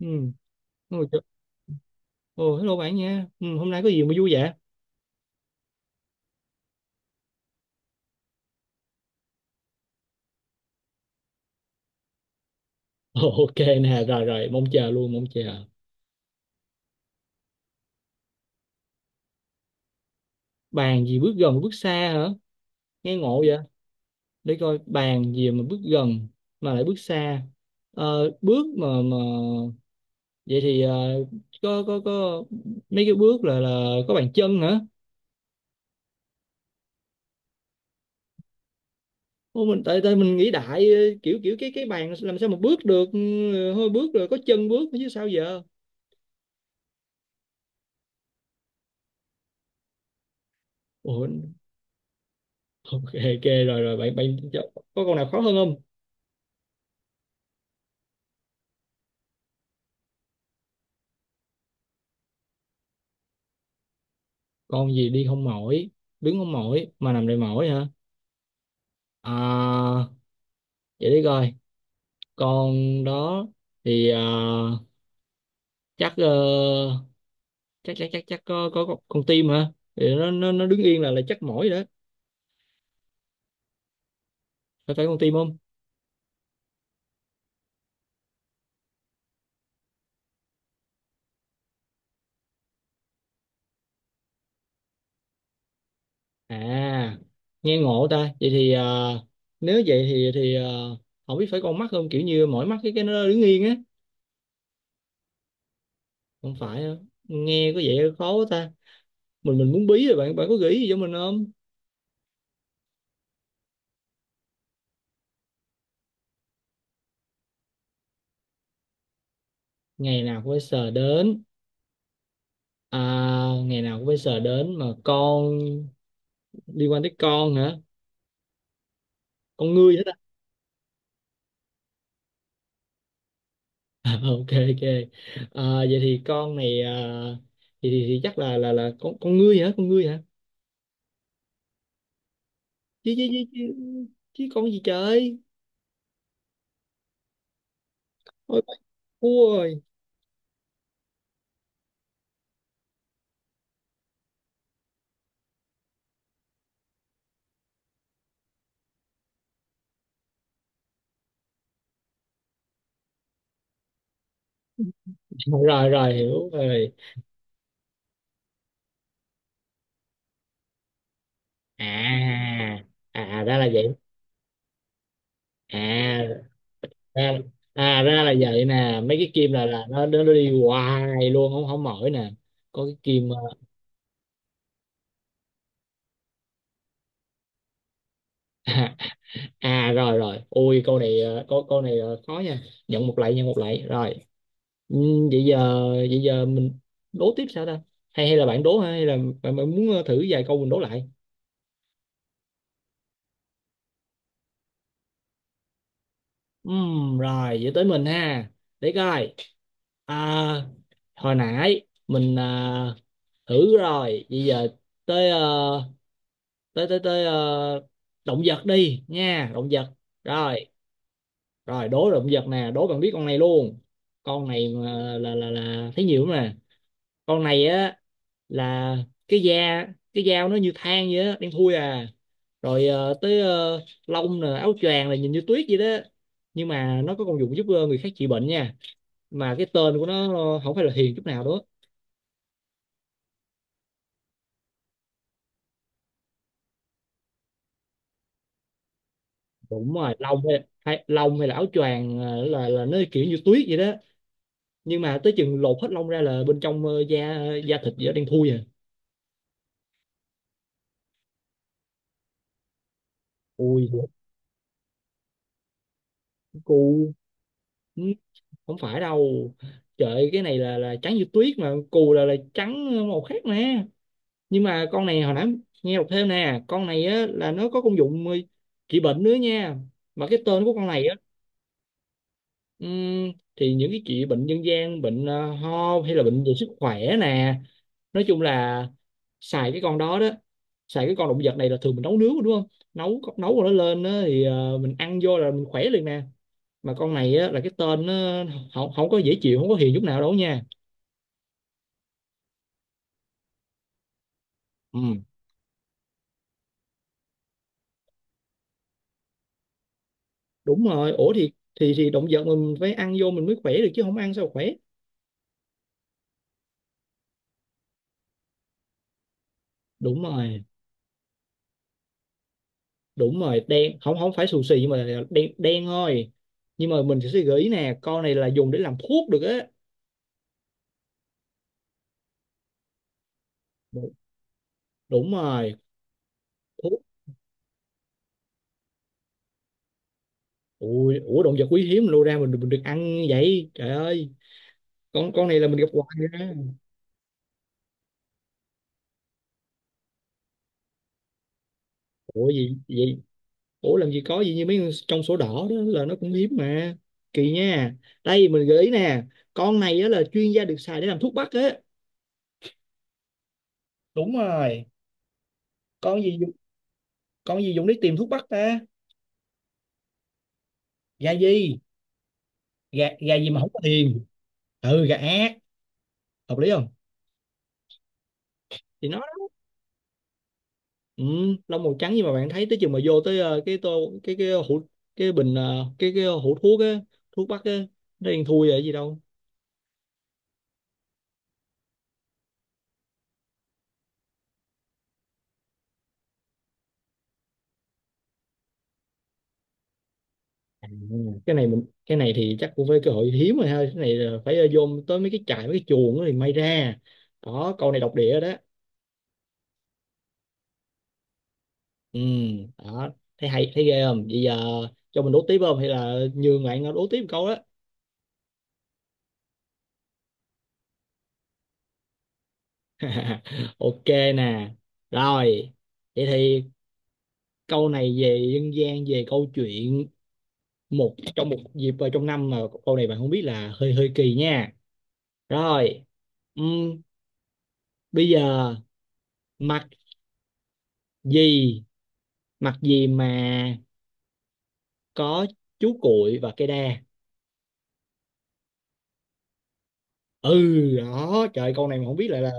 Ừ. Ôi, trời. Ồ, hello bạn nha. Ừ, hôm nay có gì mà vui vậy? Ồ, ok nè, rồi rồi, mong chờ luôn, mong chờ. Bàn gì bước gần bước xa hả? Nghe ngộ vậy? Để coi bàn gì mà bước gần mà lại bước xa. Bước mà vậy thì có mấy cái bước là có bàn chân hả? Ô, mình tại tại mình nghĩ đại kiểu kiểu cái bàn làm sao mà bước được hơi bước rồi có chân bước chứ sao giờ? Ồ, ok ok rồi rồi bạn bạn có câu nào khó hơn không? Con gì đi không mỏi, đứng không mỏi mà nằm đầy mỏi hả? À, vậy đi coi con đó thì, à, chắc, chắc chắc chắc chắc có con tim hả, thì nó đứng yên là chắc mỏi rồi đó. Phải phải con tim không? À, nghe ngộ ta. Vậy thì, à, nếu vậy thì à, không biết phải con mắt không, kiểu như mỏi mắt cái nó đứng yên á. Không phải hả? Nghe có vẻ khó quá ta. Mình muốn bí rồi, bạn bạn có gợi ý gì cho mình không? Ngày nào cũng phải sờ đến. À, ngày nào cũng phải sờ đến mà con, liên quan tới con hả? Con ngươi hết á. À, ok ok. À, vậy thì con này, à, thì chắc là con ngươi hả? Con ngươi hả? Chứ chứ chứ chứ, chứ con gì trời? Ôi bà cua rồi. Rồi rồi hiểu rồi. À à, ra là vậy. À ra à ra là vậy nè. Mấy cái kim là nó đi hoài luôn, không không mỏi nè. Có cái kim, à, à rồi rồi, ui câu này, câu câu này, khó nha. Nhận một lạy, nhận một lạy. Rồi. Ừ, vậy giờ mình đố tiếp sao ta? Hay hay là bạn đố hay là bạn muốn, thử vài câu mình đố lại? Rồi, vậy tới mình ha. Để coi. À, hồi nãy mình, à, thử rồi, bây giờ tới, tới ờ, động vật đi nha, động vật. Rồi, rồi đố động vật nè, đố bạn biết con này luôn. Con này mà là thấy nhiều lắm nè, con này á là cái da, cái dao nó như than vậy á, đen thui à, rồi, tới, lông nè, áo choàng là nhìn như tuyết vậy đó, nhưng mà nó có công dụng giúp, người khác trị bệnh nha, mà cái tên của nó, không phải là hiền chút nào đó. Đúng rồi, lông hay, hay lông hay là áo choàng, là nó kiểu như tuyết vậy đó, nhưng mà tới chừng lột hết lông ra là bên trong, da, da thịt vậy đen thui à. Ui cô, không phải đâu. Trời ơi, cái này là trắng như tuyết, mà cù là trắng màu khác nè, nhưng mà con này hồi nãy, nghe đọc thêm nè, con này á là nó có công dụng, trị bệnh nữa nha, mà cái tên của con này á, thì những cái trị bệnh dân gian, bệnh, ho hay là bệnh về sức khỏe nè, nói chung là xài cái con đó đó, xài cái con động vật này là thường mình nấu nướng đúng không, nấu nấu rồi nó lên á, thì, mình ăn vô là mình khỏe liền nè, mà con này á, là cái tên nó không có dễ chịu, không có hiền chút nào đâu nha. Ừ đúng rồi, ủa thì thì động vật mình phải ăn vô mình mới khỏe được, chứ không ăn sao khỏe. Đúng rồi. Đúng rồi, đen, không không phải xù xì, nhưng mà là đen, đen thôi. Nhưng mà mình sẽ gợi ý nè, con này là dùng để làm thuốc được á. đúng, đúng rồi. Thuốc. Ui, ủa động vật quý hiếm lô ra mình được ăn vậy trời ơi. Con này là mình gặp hoài á. Ủa gì gì? Ủa làm gì có gì như mấy con trong sổ đỏ đó là nó cũng hiếm mà, kỳ nha. Đây mình gợi ý nè, con này á là chuyên gia được xài để làm thuốc bắc á. Đúng rồi. Con gì, con gì Dũng đi tìm thuốc bắc ta. Gà gì, gà gà gì mà không có thiền. Ừ gà ác, hợp lý không? Thì nó đó. Ừ, lông màu trắng, nhưng mà bạn thấy tới chừng mà vô tới, cái tô, cái hũ, cái bình, cái hũ thuốc á, thuốc bắc á, nó đen thui rồi gì đâu. À, cái này thì chắc cũng phải cơ hội hiếm rồi ha, cái này là phải, vô tới mấy cái trại, mấy cái chuồng á thì may ra. Đó câu này độc địa đó. Ừ đó, thấy hay, thấy ghê không, bây giờ cho mình đố tiếp không hay là nhường bạn, đố tiếp một câu đó. Ok nè, rồi vậy thì câu này về dân gian, về câu chuyện một trong một dịp vào trong năm, mà câu này bạn không biết là hơi hơi kỳ nha. Rồi, ừm, bây giờ, mặt gì, mặt gì mà có chú cuội và cây đa. Ừ đó, trời câu này mà không biết lại là.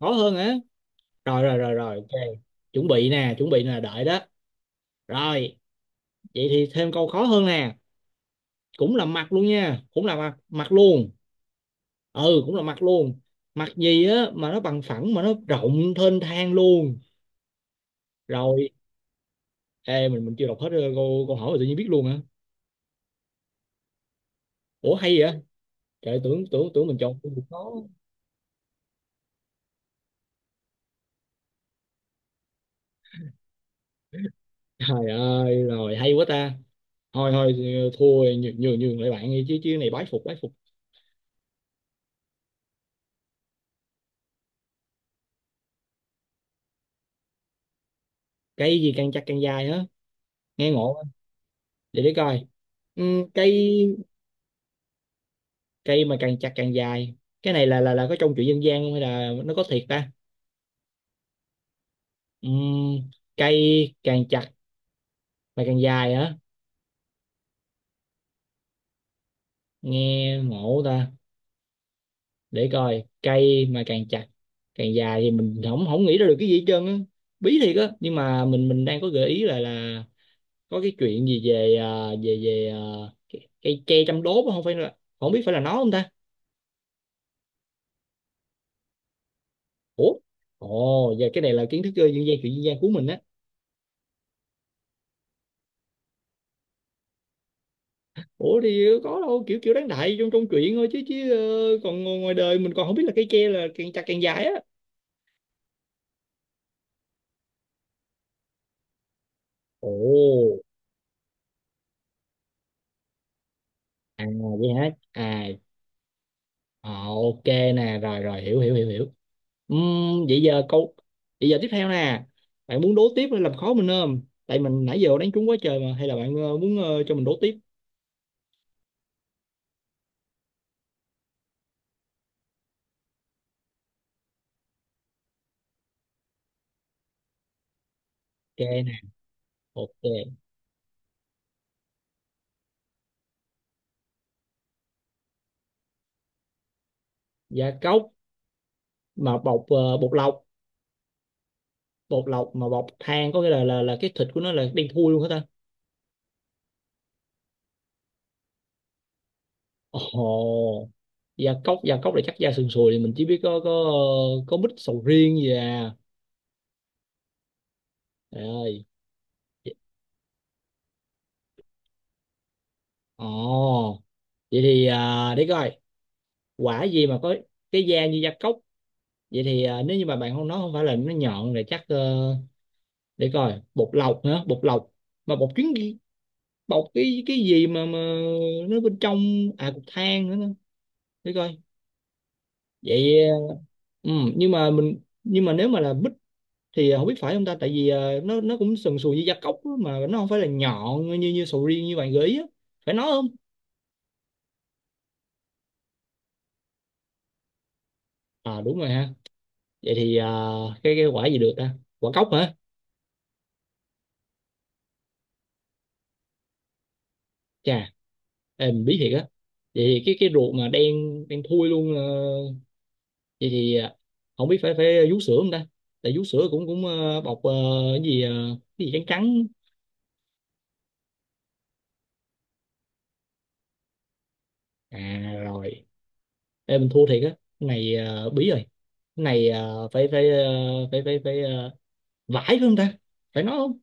Khó hơn á, rồi rồi rồi rồi ok. Chuẩn bị nè, chuẩn bị nè, đợi đó. Rồi, vậy thì thêm câu khó hơn nè, cũng là mặt luôn nha, cũng là mặt mặt luôn. Ừ cũng là mặt luôn. Mặt gì á mà nó bằng phẳng, mà nó rộng thênh thang luôn. Rồi. Ê mình chưa đọc hết, câu câu hỏi mà tự nhiên biết luôn hả? Ủa hay vậy. Trời tưởng tưởng tưởng mình chọn câu khó. Trời ơi rồi hay quá ta. Thôi thôi, thua, nhường nhường nhường lại bạn đi, chứ chứ này, bái phục, bái phục. Cây gì càng chặt càng dài á? Nghe ngộ quá. Để coi. Cây, cây mà càng chặt càng dài, cái này là có trong chuyện dân gian không hay là nó có thiệt ta? Ừm, cây càng chặt mà càng dài hả? Nghe ngộ ta. Để coi, cây mà càng chặt càng dài thì mình không không nghĩ ra được cái gì hết trơn á. Bí thiệt á, nhưng mà mình đang có gợi ý là có cái chuyện gì về, à, về về à, cây tre trăm đốt á, không phải là, không biết phải là nó không ta? Ủa. Ồ và cái này là kiến thức, dân gian, chuyện dân gian của mình á. Ủa thì, có đâu kiểu kiểu đáng đại trong trong chuyện thôi, chứ chứ ờ, còn ngoài đời mình còn không biết là cây tre là càng chặt càng dài á. Ồ. À vậy hả, à. Ờ, ok nè rồi rồi hiểu hiểu hiểu hiểu. Vậy giờ câu, vậy giờ tiếp theo nè, bạn muốn đố tiếp hay làm khó mình không, tại mình nãy giờ đánh trúng quá trời mà, hay là bạn, muốn, cho mình đố tiếp. Ok nè. Ok. Gia cốc mà bọc, bột lọc, bột lọc mà bọc than, có nghĩa là cái thịt của nó là đen thui luôn hả ta? Ồ. Gia cốc, gia cốc là chắc da sườn sùi thì mình chỉ biết có ờ, có mít, sầu riêng gì à. Trời ơi. Ồ. Vậy thì, à, để coi, quả gì mà có cái da như gia cốc, vậy thì, à, nếu như mà bạn không nói không phải là nó nhọn rồi, chắc, để coi bột lọc nữa, bột lọc mà bột chuyến, bột cái gì mà nó bên trong, à cục than nữa. Để coi. Vậy, ừ, nhưng mà mình, nhưng mà nếu mà là bích thì không biết phải không ta, tại vì, nó cũng sần sùi như gia cốc á, mà nó không phải là nhọn như như sầu riêng như bạn gợi ý á. Phải nói không? À đúng rồi ha. Vậy thì, cái quả gì được ta? Quả cốc hả? Chà. Em biết thiệt á. Vậy thì cái ruột mà đen, đen thui luôn, vậy thì, à, không biết phải phải vú sữa không ta? Tại vú sữa cũng cũng ờ, bọc, cái gì, cái gì trắng trắng. À rồi. Ê mình thua thiệt á. Cái này, bí rồi. Cái này, phải phải ờ, phải phải phải ờ, vải phải không ta? Phải nói không?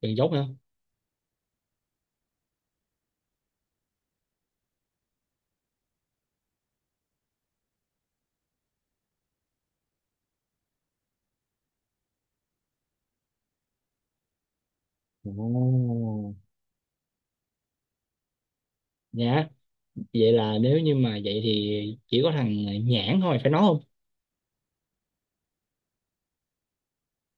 Đừng dốt hả. Ồ. Nhã. Vậy là nếu như mà vậy thì chỉ có thằng, nhãn thôi, phải nói không?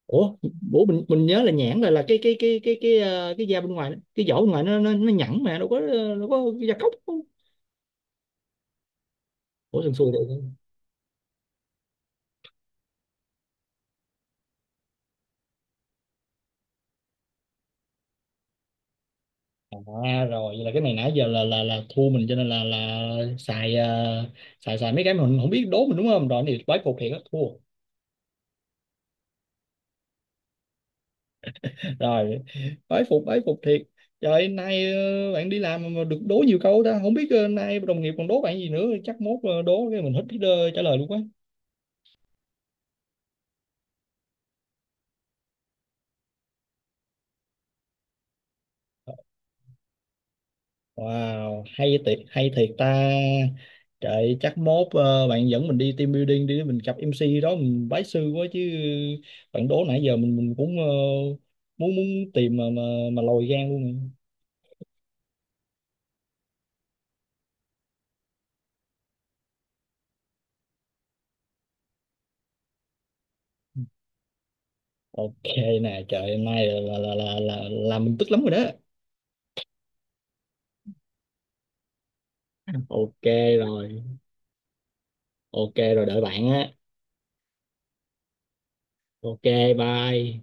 Ủa, bố mình nhớ là nhãn là cái ờ, cái da bên ngoài, cái vỏ bên ngoài nó nhẵn mà đâu có, đâu có da cóc không. Ủa sần sùi được. À rồi vậy là cái này nãy giờ là thua mình, cho nên là xài, xài mấy cái mà mình không biết đố mình, đúng không? Rồi thì bái phục thiệt á, thua. Rồi, bái phục thiệt. Trời nay, bạn đi làm mà được đố nhiều câu ta, không biết, nay đồng nghiệp còn đố bạn gì nữa, chắc mốt, đố cái mình hết biết, trả lời luôn quá. Wow, hay thiệt ta. Trời, chắc mốt, bạn dẫn mình đi team building đi, mình gặp MC đó, mình bái sư quá chứ. Bạn đố nãy giờ mình cũng, muốn muốn tìm mà lòi gan luôn. Nè. Ok nè, trời hôm nay là mình tức lắm rồi đó. Ok rồi, ok rồi đợi bạn á. Ok, bye.